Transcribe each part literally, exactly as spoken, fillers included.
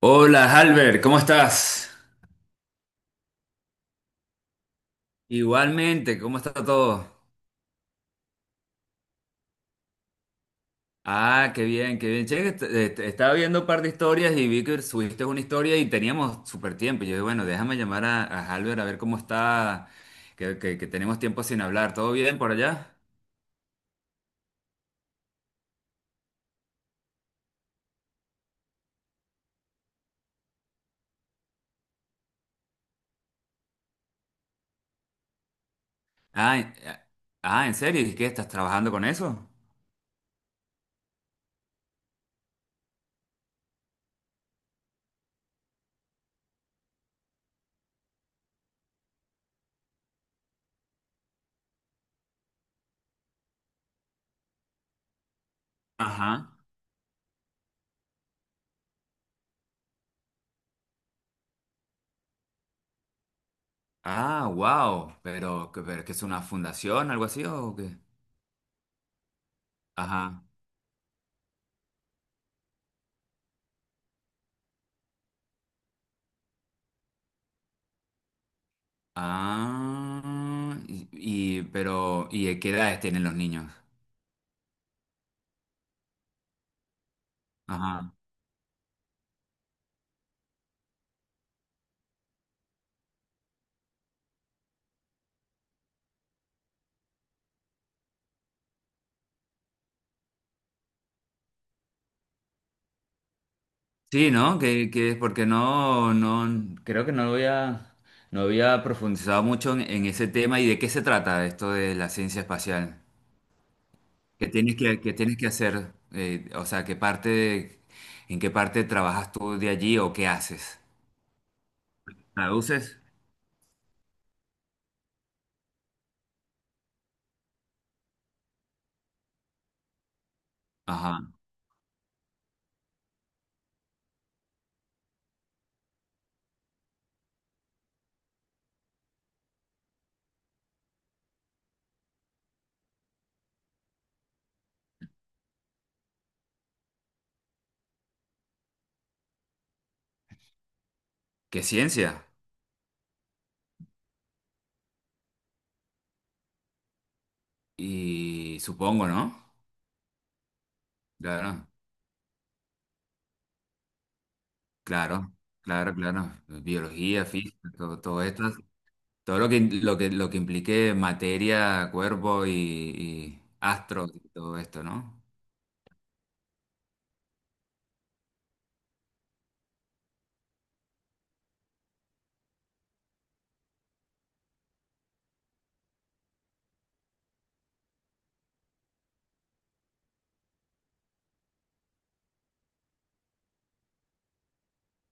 Hola, Albert, ¿cómo estás? Igualmente, ¿cómo está todo? Ah, qué bien, qué bien. Che, que te- eh, estaba viendo un par de historias y vi que subiste una historia y teníamos súper tiempo. Yo dije, bueno, déjame llamar a, a Albert a ver cómo está, que, que- que tenemos tiempo sin hablar. ¿Todo bien por allá? Ah, en- ah, ¿en serio? ¿Y qué? ¿Estás trabajando con eso? Ajá. Ah, wow. Pero, que- ¿pero qué es una fundación, algo así o qué? Ajá. Ah, y, y- pero, ¿y qué edades tienen los niños? Ajá. Sí, ¿no? Que, que es porque no, no creo que no había, no había profundizado mucho en, en ese tema y de qué se trata esto de la ciencia espacial. ¿Qué tienes que, qué tienes que hacer? Eh, o sea, ¿qué parte, en qué parte trabajas tú de allí o qué haces? ¿Traduces? Ajá. ¿Qué ciencia? Y supongo, ¿no? Claro. Claro, claro, claro. Biología, física, todo, todo esto, todo lo que, lo que, lo que implique materia, cuerpo y, y astros y todo esto, ¿no?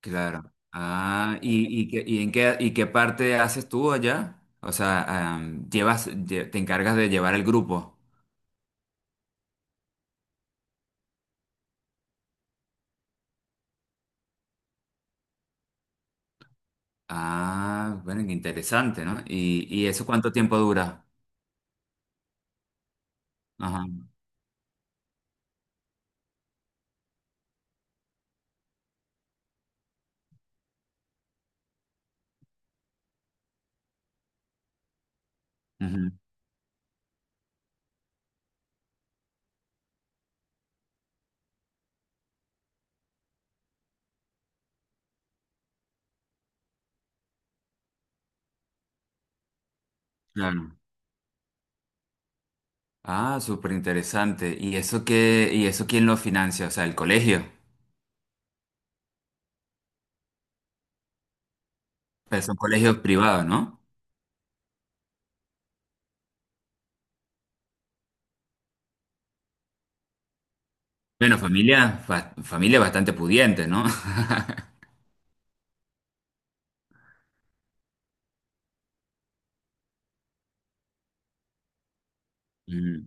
Claro. Ah, ¿y, y, qué- ¿y en qué, y qué parte haces tú allá? O sea, am, llevas, lle- te encargas de llevar el grupo. Ah, bueno, qué interesante, ¿no? ¿Y, y eso cuánto tiempo dura? Ajá. Ujú, claro. Ah, súper interesante. ¿Y eso qué, y eso quién lo financia? O sea, el colegio. Pero son colegios privados, ¿no? Bueno, familia, fa- familia bastante pudiente, ¿no? Ujú,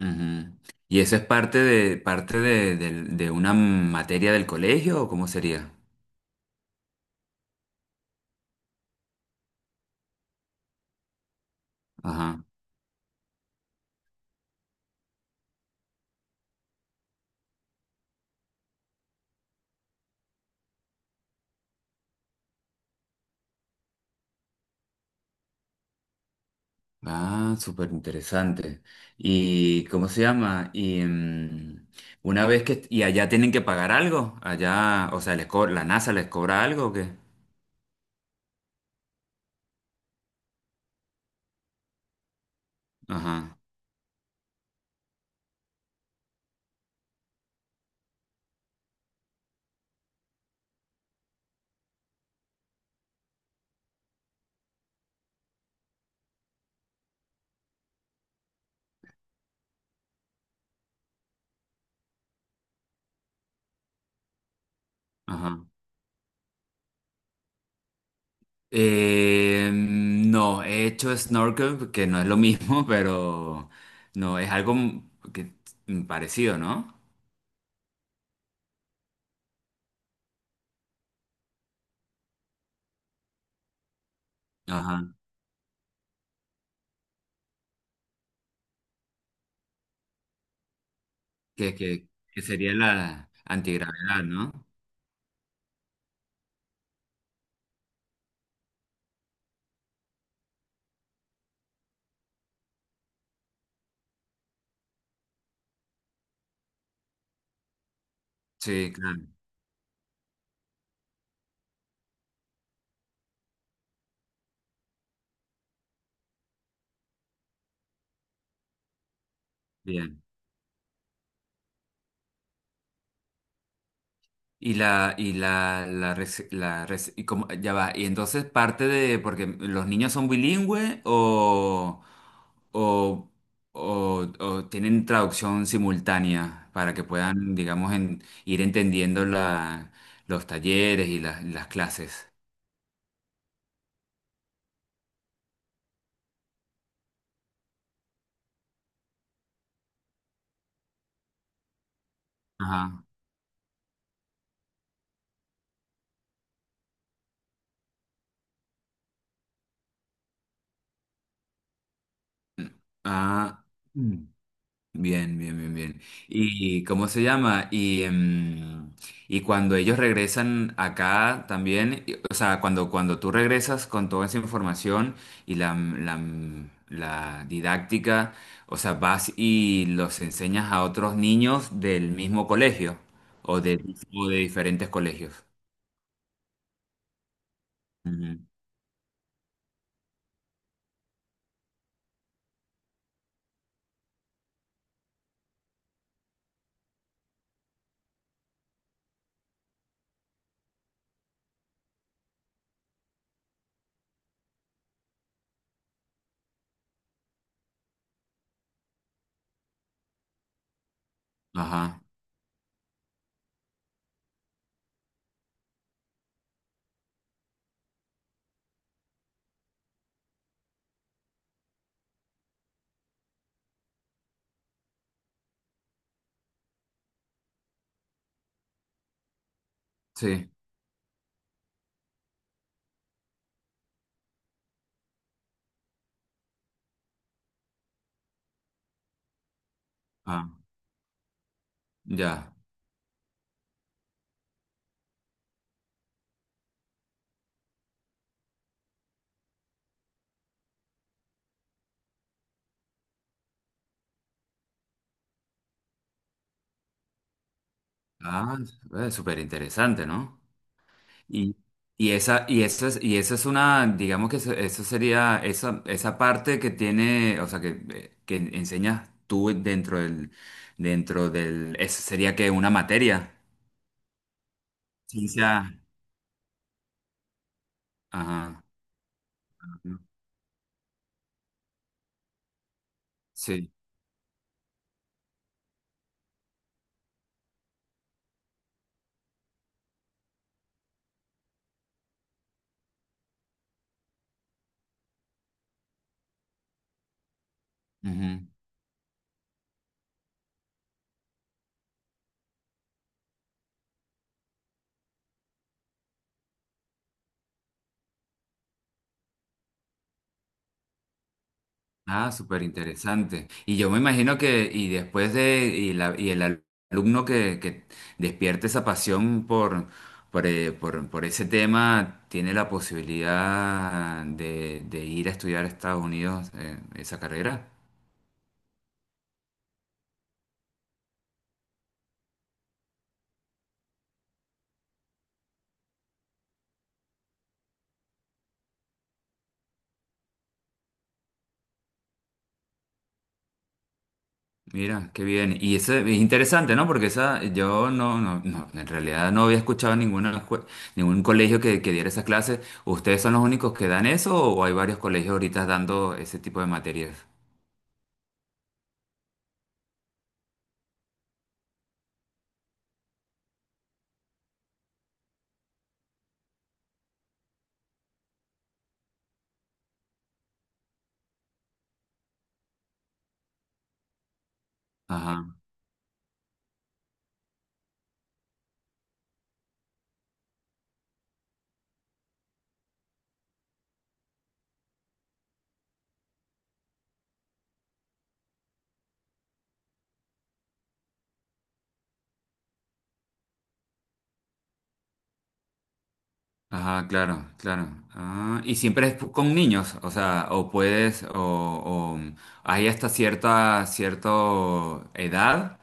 ujú. ¿Y eso es parte de, parte de, del- de una materia del colegio o cómo sería? Ajá. Ah, súper interesante. ¿Y cómo se llama? Y mm, una vez que... ¿Y allá tienen que pagar algo? Allá, o sea, les co- ¿la NASA les cobra algo o qué? Ajá, ajá. Eh, no, he hecho snorkel, que no es lo mismo, pero no, es algo que, mm, parecido, ¿no? Ajá, que, que, que sería la antigravedad, ¿no? Sí, claro. Y la, y la, la, rec- la rec- y como, ya va, y entonces parte de, ¿porque los niños son bilingües o, o, o, o tienen traducción simultánea para que puedan, digamos, en- ir entendiendo la, los talleres y las las clases? Ajá. Ah. Mm. Bien, bien, bien, bien. ¿Y cómo se llama? Y, em, y cuando ellos regresan acá también, y- o sea, cuando, cuando tú regresas con toda esa información y la, la, la didáctica, o sea, vas y los enseñas a otros niños del mismo colegio o de, o de diferentes colegios. Ujú. Ajá, sí, ah, ya. Ah, súper interesante, ¿no? Y, y esa, y eso es, y eso es una, digamos que eso, eso sería, esa, esa parte que tiene, o sea, que, eh, que enseñas tú dentro del, dentro del, eso sería que una materia. Ciencia. Ajá. Sí. Ah, súper interesante. Y yo me imagino que, y después de, y, la, y el al- alumno que, que despierte esa pasión por, por, eh, por, por ese tema, tiene la posibilidad de, de ir a estudiar a Estados Unidos eh, esa carrera. Mira, qué bien. Y eso es interesante, ¿no? Porque esa, yo no, no, no, en realidad no había escuchado ninguna, escue- ningún colegio que, que diera esas clases. ¿Ustedes son los únicos que dan eso o hay varios colegios ahorita dando ese tipo de materias? Ah, claro, claro. Ah, y siempre es pu- con niños, o sea, o puedes, o, o hay hasta cierta, cierto edad.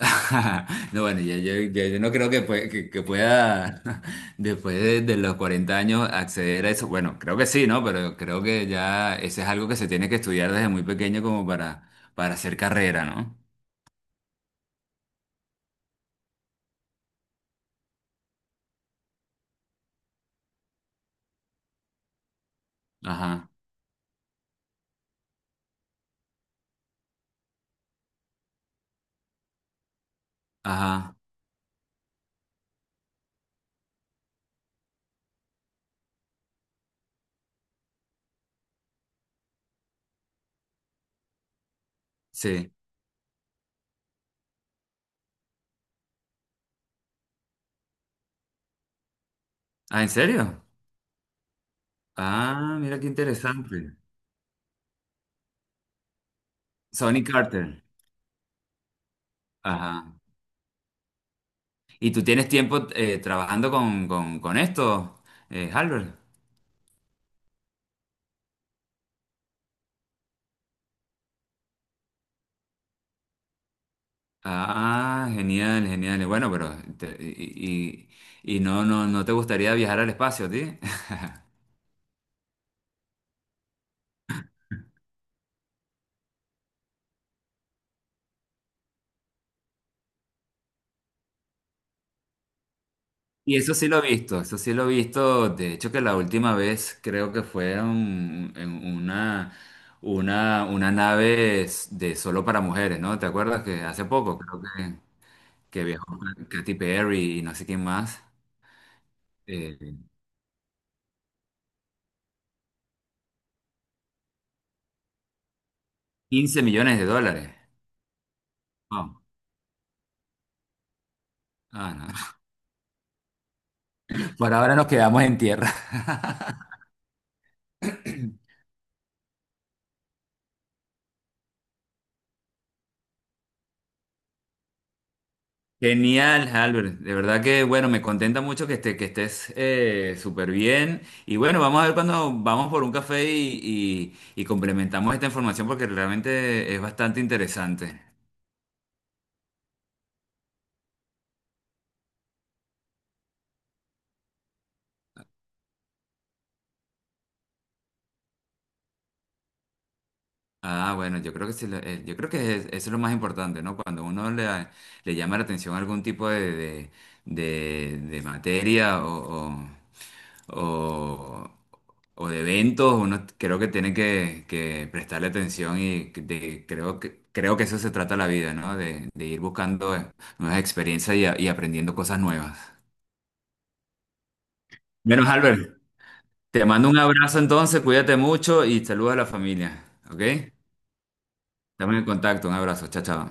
No, bueno, ya- ya- ya- yo, no creo que, pue- que- que pueda, después de, de los cuarenta años, acceder a eso. Bueno, creo que sí, ¿no? Pero creo que ya ese es algo que se tiene que estudiar desde muy pequeño como para, para hacer carrera, ¿no? Ajá, ajá, sí. Ah, ¿en serio? Ah, mira qué interesante. Sonny Carter. Ajá. ¿Y tú tienes tiempo eh, trabajando con, con, con esto, eh, Albert? Ah, genial, genial. Bueno, pero te- y, y, y no, no, no te gustaría viajar al espacio, ¿a ti? Y eso sí lo he visto, eso sí lo he visto. De hecho, que la última vez creo que fue un- en una, una, una nave s- de solo para mujeres, ¿no? ¿Te acuerdas que hace poco creo que, que viajó Katy Perry y no sé quién más? eh, quince millones de dólares. Wow. Ah, no. Por ahora nos quedamos en tierra. Genial, Albert. De verdad que, bueno, me contenta mucho que, esté- que estés eh, súper bien. Y bueno, vamos a ver cuando vamos por un café y, y- y complementamos esta información porque realmente es bastante interesante. Ah, bueno, yo creo que, sí, lo- eh, yo creo que es- eso es lo más importante, ¿no? Cuando uno le, le llama la atención algún tipo de, de, de- de materia o, o, o de eventos, uno creo que tiene que, que prestarle atención y que- de- creo que, creo que eso se trata la vida, ¿no? De, de ir buscando eh, nuevas experiencias y, a- y aprendiendo cosas nuevas. Menos Albert, te mando un abrazo entonces, cuídate mucho y saludos a la familia, ¿ok? Estamos en contacto, un abrazo, chao, chao.